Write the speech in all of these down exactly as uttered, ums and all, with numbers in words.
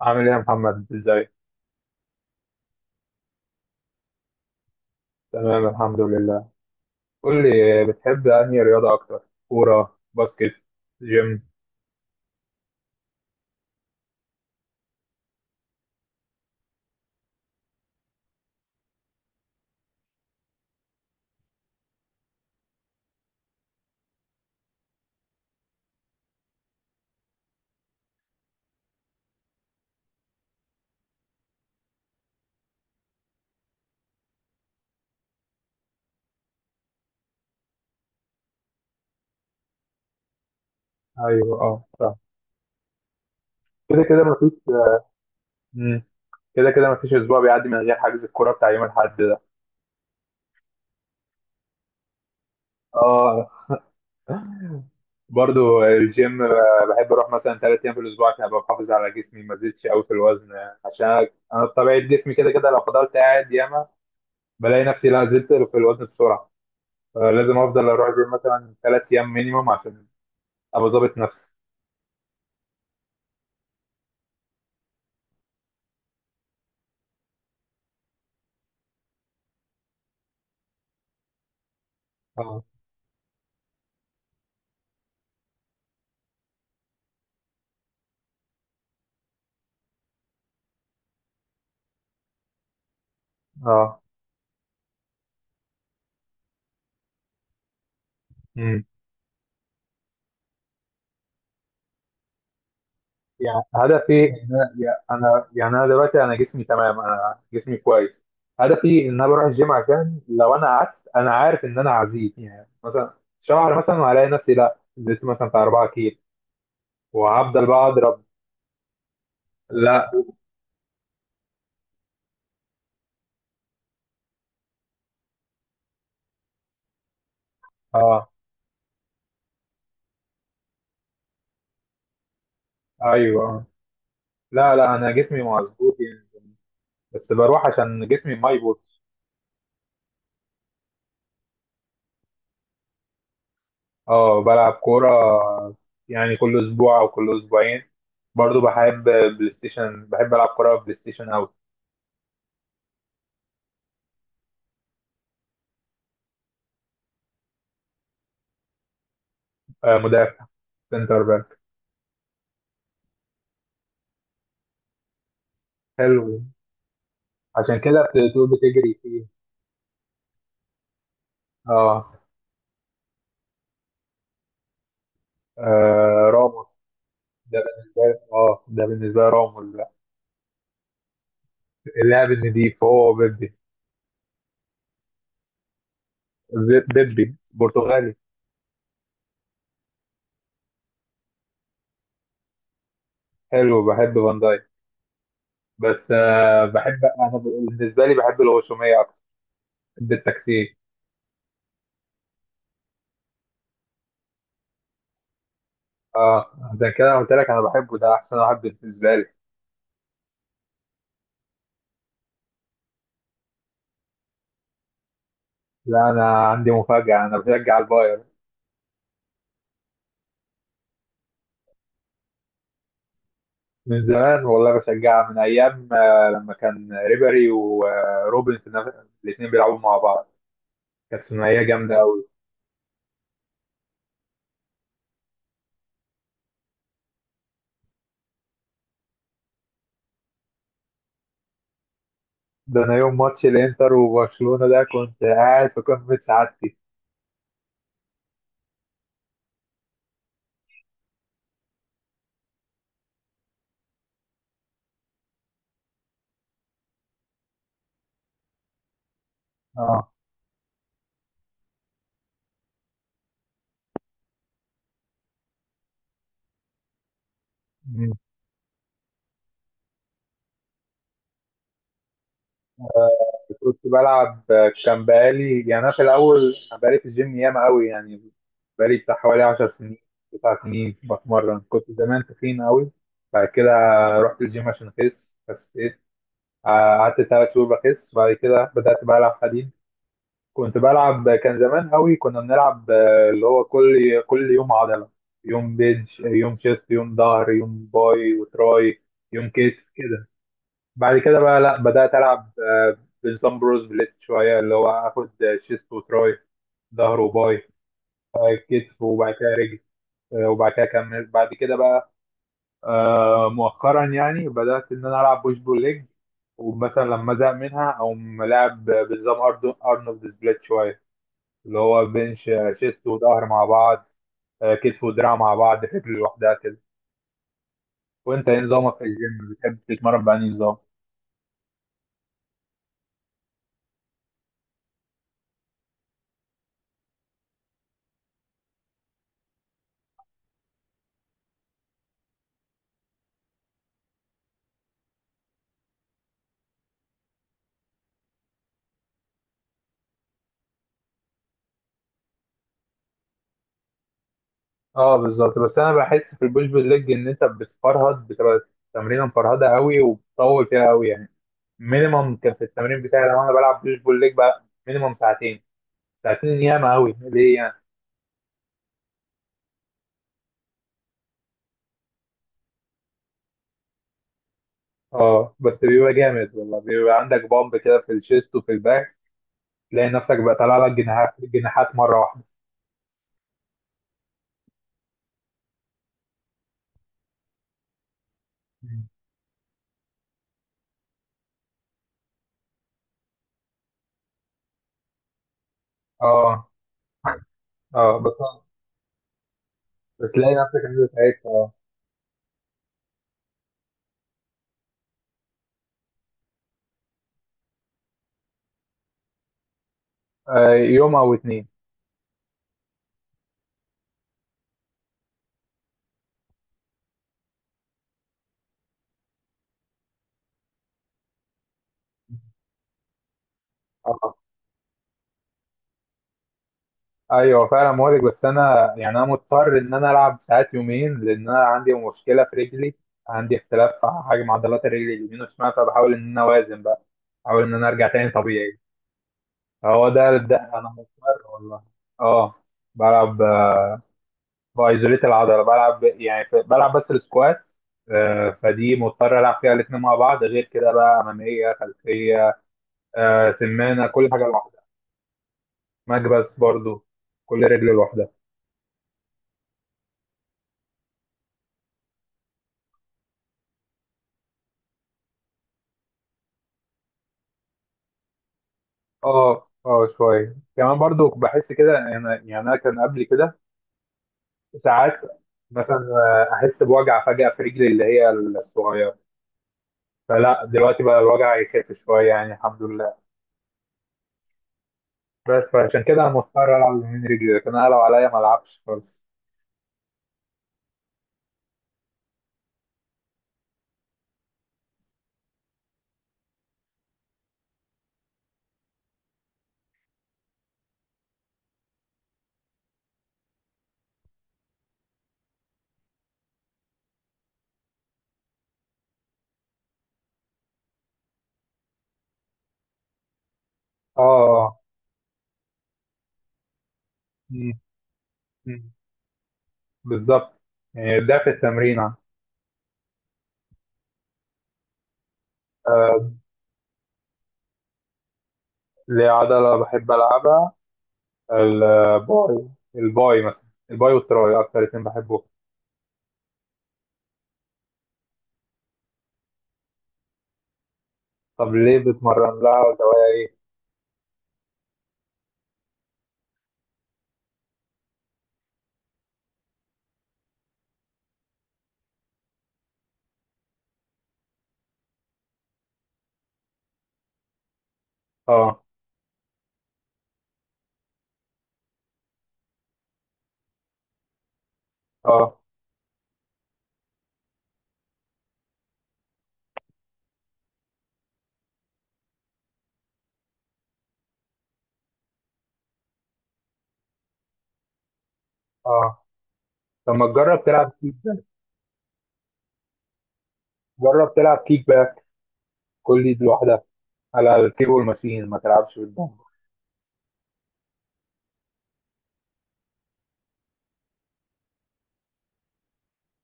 عامل ايه يا محمد ازاي؟ تمام، الحمد لله. قول لي، بتحب انهي رياضه اكتر؟ كوره، باسكت، جيم؟ ايوه، اه، صح. كده كده مفيش. مم. كده كده مفيش اسبوع بيعدي من غير حجز الكوره بتاع يوم الاحد ده. اه، برضو الجيم، آه، بحب اروح مثلا ثلاث ايام في الاسبوع عشان ابقى محافظ على جسمي، ما زدتش قوي في الوزن. آه، عشان انا بطبيعه جسمي كده كده لو فضلت قاعد ياما بلاقي نفسي لا زدت في الوزن بسرعه. آه، لازم افضل اروح الجيم مثلا ثلاث ايام مينيموم عشان ابقى ظابط نفسي. اه، اه، امم، يعني هدفي ان انا يا- أنا- يعني انا دلوقتي، انا جسمي تمام، انا جسمي كويس. هدفي ان انا بروح الجيم عشان لو انا قعدت انا عارف ان انا هزيد، يعني مثلا شهر مثلا، وهلاقي نفسي لا زدت مثلا بتاع 4 كيلو وهفضل بقى اضرب. لا، اه، ايوه آه. لا لا، انا جسمي مظبوط يعني، بس بروح عشان جسمي ما يبوظ. اه، بلعب كورة يعني كل أسبوع أو كل أسبوعين. برضو بحب بلاي ستيشن، بحب ألعب كورة بلاي ستيشن أوي. آه، مدافع، سنتر باك. حلو، عشان كده بتقول بتجري فيه. اه، آه راموس. ده بالنسبة لي، اه ده بالنسبة لي راموس بقى. اللاعب النضيف هو بيبي. بي- بيبي برتغالي. حلو، بحب فان دايك، بس آه بحب أنا، بالنسبة لي بحب الغشومية أكتر، بحب التكسير. اه، عشان كده أنا قلت لك أنا بحبه، ده أحسن واحد بالنسبة لي. لا، انا عندي مفاجأة، انا بشجع الباير من زمان، والله بشجعها من ايام، آه، لما كان ريبري وروبن في نفس، الاثنين بيلعبوا مع بعض، كانت ثنائية جامدة قوي. ده انا يوم ماتش الانتر وبرشلونة ده كنت قاعد في قمة سعادتي. اه. مم. كنت بلعب، آه، كان بقالي يعني انا في الاول، بقالي في الجيم ياما قوي يعني، بقالي بتاع حوالي 10 سنين، تسع سنين بتمرن. كنت زمان تخين قوي، بعد كده رحت الجيم عشان اخس بس. آه، قعدت ثلاث شهور بخس، بعد كده بدأت بلعب حديد. كنت بلعب، كان زمان قوي كنا بنلعب، آه، اللي هو كل كل يوم عضلة: يوم بيدج، يوم شيست، يوم ظهر، يوم باي وتراي، يوم كتف كده. بعد كده بقى، لا، بدأت ألعب، آه، بنظام بروز بليت شوية، اللي هو آخد شيست وتراي، ظهر وباي، آه، كتف، وبعد كده رجل، آه، وبعد كده أكمل بعد كده بقى، آه، مؤخرا يعني بدأت إن أنا ألعب بوش بول ليج. ومثلا لما أزهق منها أو ملاعب بنظام أرنو- أرنولد سبليت شوية، اللي هو بنش، آه، شيست وظهر مع بعض، آه، كتف ودراع مع بعض، رجل لوحدها كده. وأنت إيه نظامك في الجيم، بتحب تتمرن بأنهي نظام؟ أه، بالظبط، بس أنا بحس في البوش بول ليج إن أنت بتفرهد، بتبقى تمرينة مفرهدة قوي وبتطول فيها قوي يعني. مينيمم كان في التمرين بتاعي، لو أنا بلعب بوش بول ليج بقى مينيمم ساعتين. ساعتين ياما قوي ليه يعني. اه، بس بيبقى جامد، والله بيبقى عندك بامب كده في الشيست وفي الباك، تلاقي نفسك بقى طالع لك جناحات جناحات مره واحده. مم. اه، اه، بس بتلاقي نفسك انت تعبت، اه. آه، يوم او اتنين. اه، ايوه، فعلا مهلك، بس انا يعني انا مضطر ان انا العب ساعات يومين، لان انا عندي مشكله في رجلي. عندي اختلاف في حجم عضلات الرجل اليمين والشمال، فبحاول ان انا اوازن بقى، احاول ان انا ارجع تاني طبيعي. هو ده ده انا مضطر والله. اه، بلعب بايزوليت العضله بلعب يعني، ف- بلعب بس السكوات. آه، فدي مضطر العب فيها الاثنين مع بعض، غير كده بقى اماميه خلفيه، آه، سمانه كل حاجه لوحدها. مكبس برضو، كل رجل لوحدها. اه، اه، شويه كمان برضو بحس كده، انا يعني انا كان قبل كده ساعات مثلا، آه، احس بوجع فجاه في رجلي اللي هي الصغيره. فلا دلوقتي بقى الوجع يخف شويه يعني، الحمد لله. بس فعشان كده انا مضطر العب من رجلي، لكن انا لو عليا ما العبش خالص. اه آه. مم. بالظبط. يعني ده في التمرين. آه، ليه عضلة بحب ألعبها، الباي. الباي مثلا، الباي والتراي أكتر اتنين بحبهم. طب ليه بتمرن لها ولا هو إيه؟ آه، آه، آه. طب ما تجرب تلعب كيك بقى، جرب تلعب كيك بقى، كل دي لوحدها، على الكيبل ماشين، ما تلعبش بالدمبل.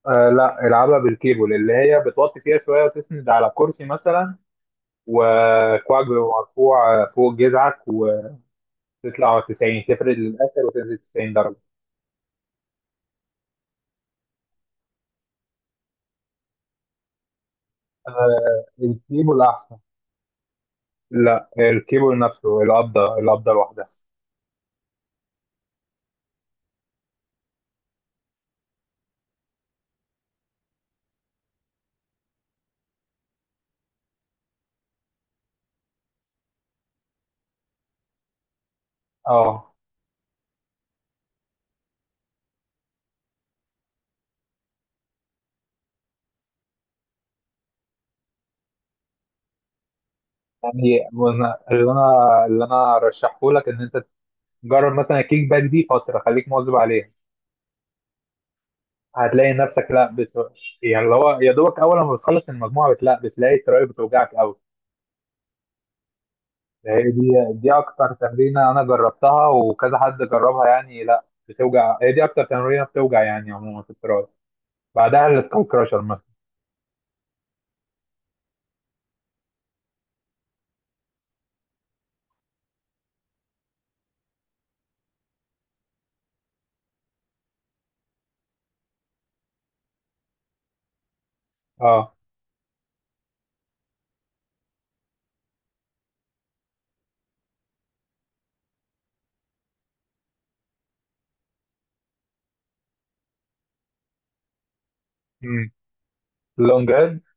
آه لا، العبها بالكيبل، اللي هي بتوطي فيها شوية وتسند على كرسي مثلا، وكوعك بيبقى مرفوع آه، فوق جذعك، وتطلع تسعين تفرد للآخر وتنزل 90 درجة. آه، الكيبل احسن. لا، الكيبل نفسه، القبضه، القبضه لوحدها. اه، يعني وأنا- اللي انا اللي انا ارشحه لك ان انت تجرب مثلا الكيك باك دي فتره، خليك مواظب عليها. هتلاقي نفسك، لا بت... يعني اللي هو يا دوبك اول ما بتخلص المجموعه، بت... لا بتلاقي التراي بتوجعك قوي. هي دي دي اكتر تمرينه انا جربتها وكذا حد جربها يعني، لا بتوجع، هي دي اكتر تمرينه بتوجع يعني، عموما في التراي، بعدها السكاي كراشر مثلا. اه، امم، اللونج.